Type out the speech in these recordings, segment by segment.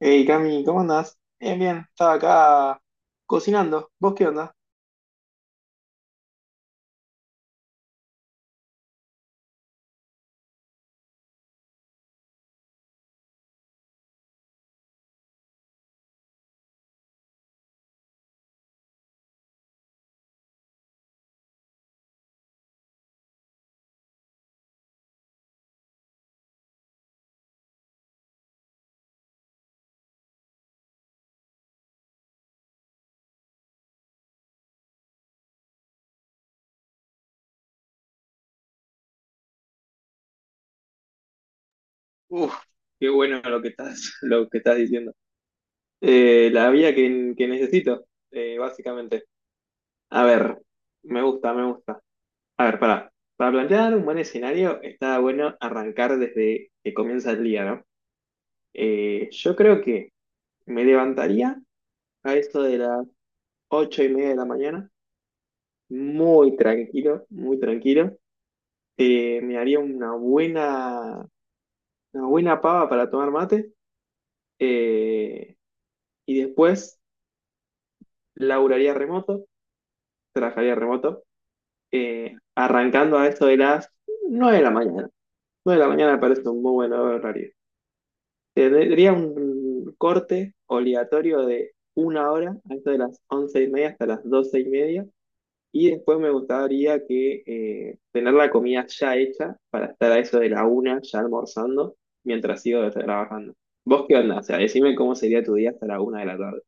Hey Cami, ¿cómo andás? Bien, bien, estaba acá cocinando. ¿Vos qué onda? Uf, qué bueno lo que estás, lo que estás diciendo. La vía que necesito, básicamente. A ver, me gusta. A ver, para plantear un buen escenario, está bueno arrancar desde que comienza el día, ¿no? Yo creo que me levantaría a eso de las 8:30 de la mañana, muy tranquilo. Me haría una buena una buena pava para tomar mate. eh, y después laburaría remoto, trabajaría remoto, arrancando a eso de las 9 de la mañana. 9 de la mañana me parece un muy buen horario. Tendría un corte obligatorio de una hora, a eso de las 11:30 hasta las 12:30. Y después me gustaría que tener la comida ya hecha para estar a eso de la una ya almorzando mientras sigo trabajando. ¿Vos qué onda? O sea, decime cómo sería tu día hasta la una de la tarde.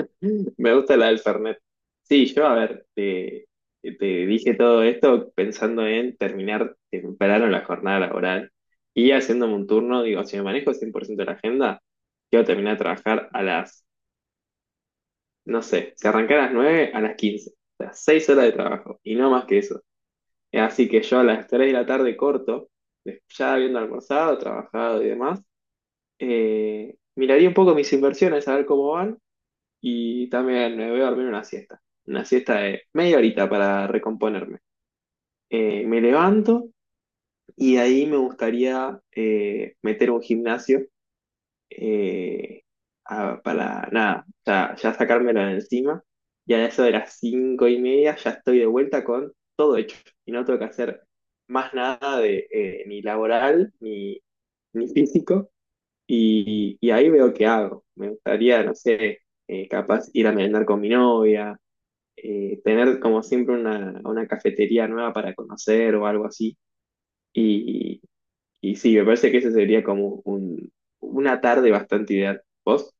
Me gusta la del Fernet. Sí, a ver, te dije todo esto pensando en terminar temprano la jornada laboral y haciéndome un turno, digo, si me manejo 100% la agenda, quiero terminar de trabajar no sé, si arrancar a las 9 a las 15, o sea, 6 horas de trabajo y no más que eso. Así que yo a las 3 de la tarde corto, ya habiendo almorzado, trabajado y demás, miraría un poco mis inversiones, a ver cómo van. Y también me voy a dormir una siesta de media horita para recomponerme. Me levanto y de ahí me gustaría meter un gimnasio, eh, para nada, ya sacármelo de encima. Y a eso de las 5:30 ya estoy de vuelta con todo hecho. Y no tengo que hacer más nada de ni laboral ni físico. Y ahí veo qué hago. Me gustaría, no sé, capaz ir a merendar con mi novia, tener como siempre una cafetería nueva para conocer o algo así. Y, y sí, me parece que ese sería como una tarde bastante ideal. ¿Vos?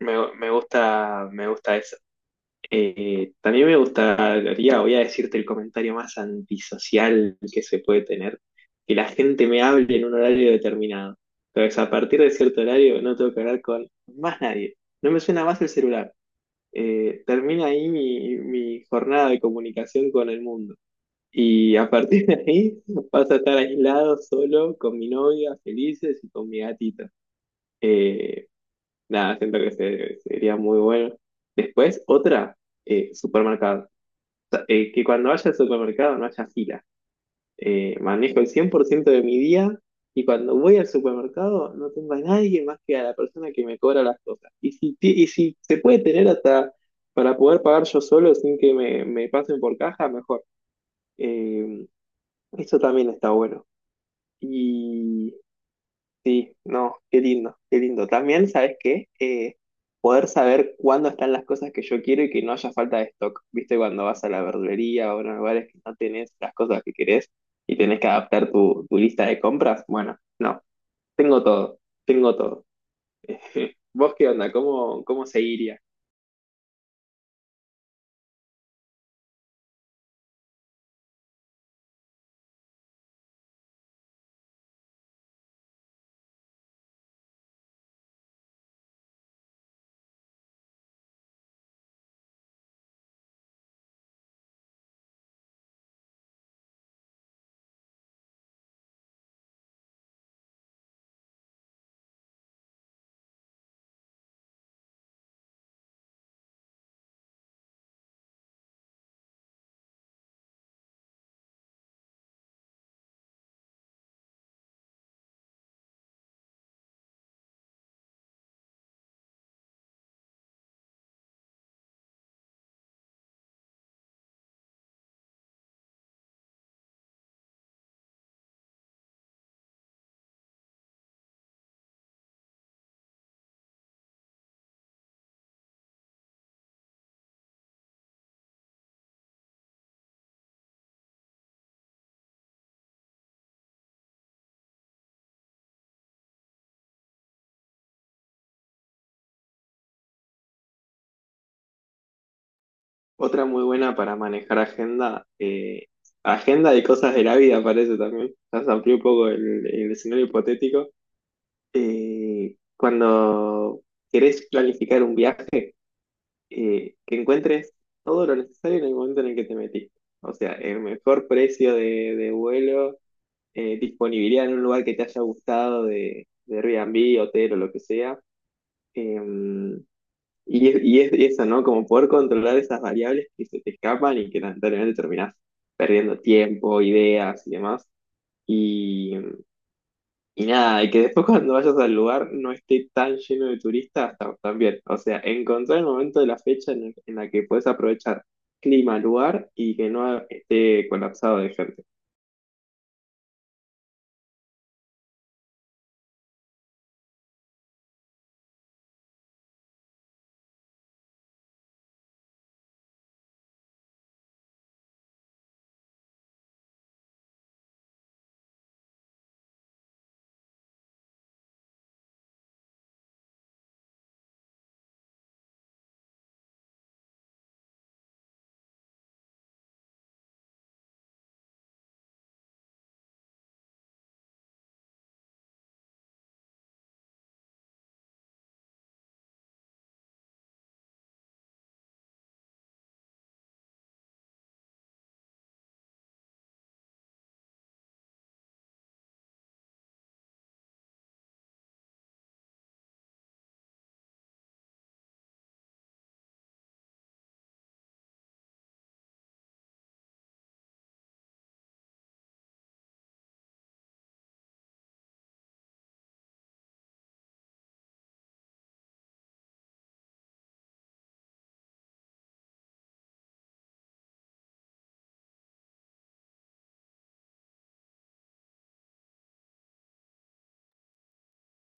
Me gusta, me gusta eso. También me gustaría, voy a decirte el comentario más antisocial que se puede tener, que la gente me hable en un horario determinado. Entonces, a partir de cierto horario no tengo que hablar con más nadie. No me suena más el celular. Termina ahí mi jornada de comunicación con el mundo. Y a partir de ahí vas a estar aislado, solo, con mi novia, felices y con mi gatita. Eh, Nada, siento que sería muy bueno. Después, otra, supermercado. O sea, que cuando vaya al supermercado no haya fila. Manejo el 100% de mi día y cuando voy al supermercado no tengo a nadie más que a la persona que me cobra las cosas. Y y si se puede tener hasta para poder pagar yo solo sin que me pasen por caja, mejor. Eh, Eso también está bueno. Y sí, no, qué lindo, qué lindo. También, ¿sabes qué? Poder saber cuándo están las cosas que yo quiero y que no haya falta de stock. ¿Viste? Cuando vas a la verdulería o a lugares que no tenés las cosas que querés y tenés que adaptar tu lista de compras. Bueno, no, tengo todo, tengo todo. ¿Vos qué onda? Cómo seguiría? Otra muy buena para manejar agenda, agenda de cosas de la vida parece también. Ya se amplió un poco el escenario hipotético. Cuando querés planificar un viaje, que encuentres todo lo necesario en el momento en el que te metiste. O sea, el mejor precio de vuelo, disponibilidad en un lugar que te haya gustado de Airbnb, hotel o lo que sea. Em, y eso, ¿no? Como poder controlar esas variables que se te escapan y que lamentablemente terminás perdiendo tiempo, ideas y demás. Y nada, y que después cuando vayas al lugar no esté tan lleno de turistas también. O sea, encontrar el momento de la fecha en la que puedes aprovechar clima, lugar y que no esté colapsado de gente.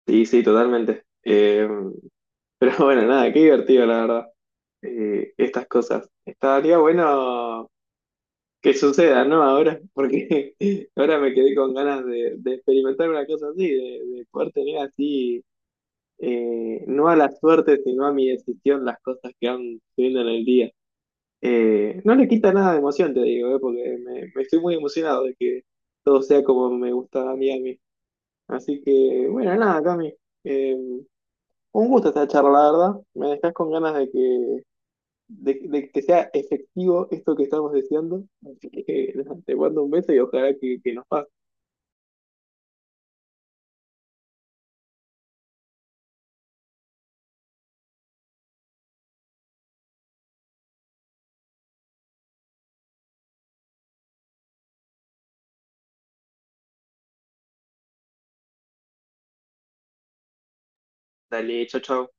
Sí, sí, totalmente. Pero bueno, nada, qué divertido, la verdad. Estas cosas. Estaría bueno que suceda, ¿no? Ahora, porque ahora me quedé con ganas de experimentar una cosa así, de poder tener así, no a la suerte, sino a mi decisión, las cosas que van subiendo en el día. No le quita nada de emoción, te digo, porque me estoy muy emocionado de que todo sea como me gusta a mí. Así que, bueno, nada, Cami. eh, un gusto esta charla, la verdad. Me dejas con ganas de que sea efectivo esto que estamos deseando. Así que, nada, te mando un beso y ojalá que nos pase. Dale, chao, chao.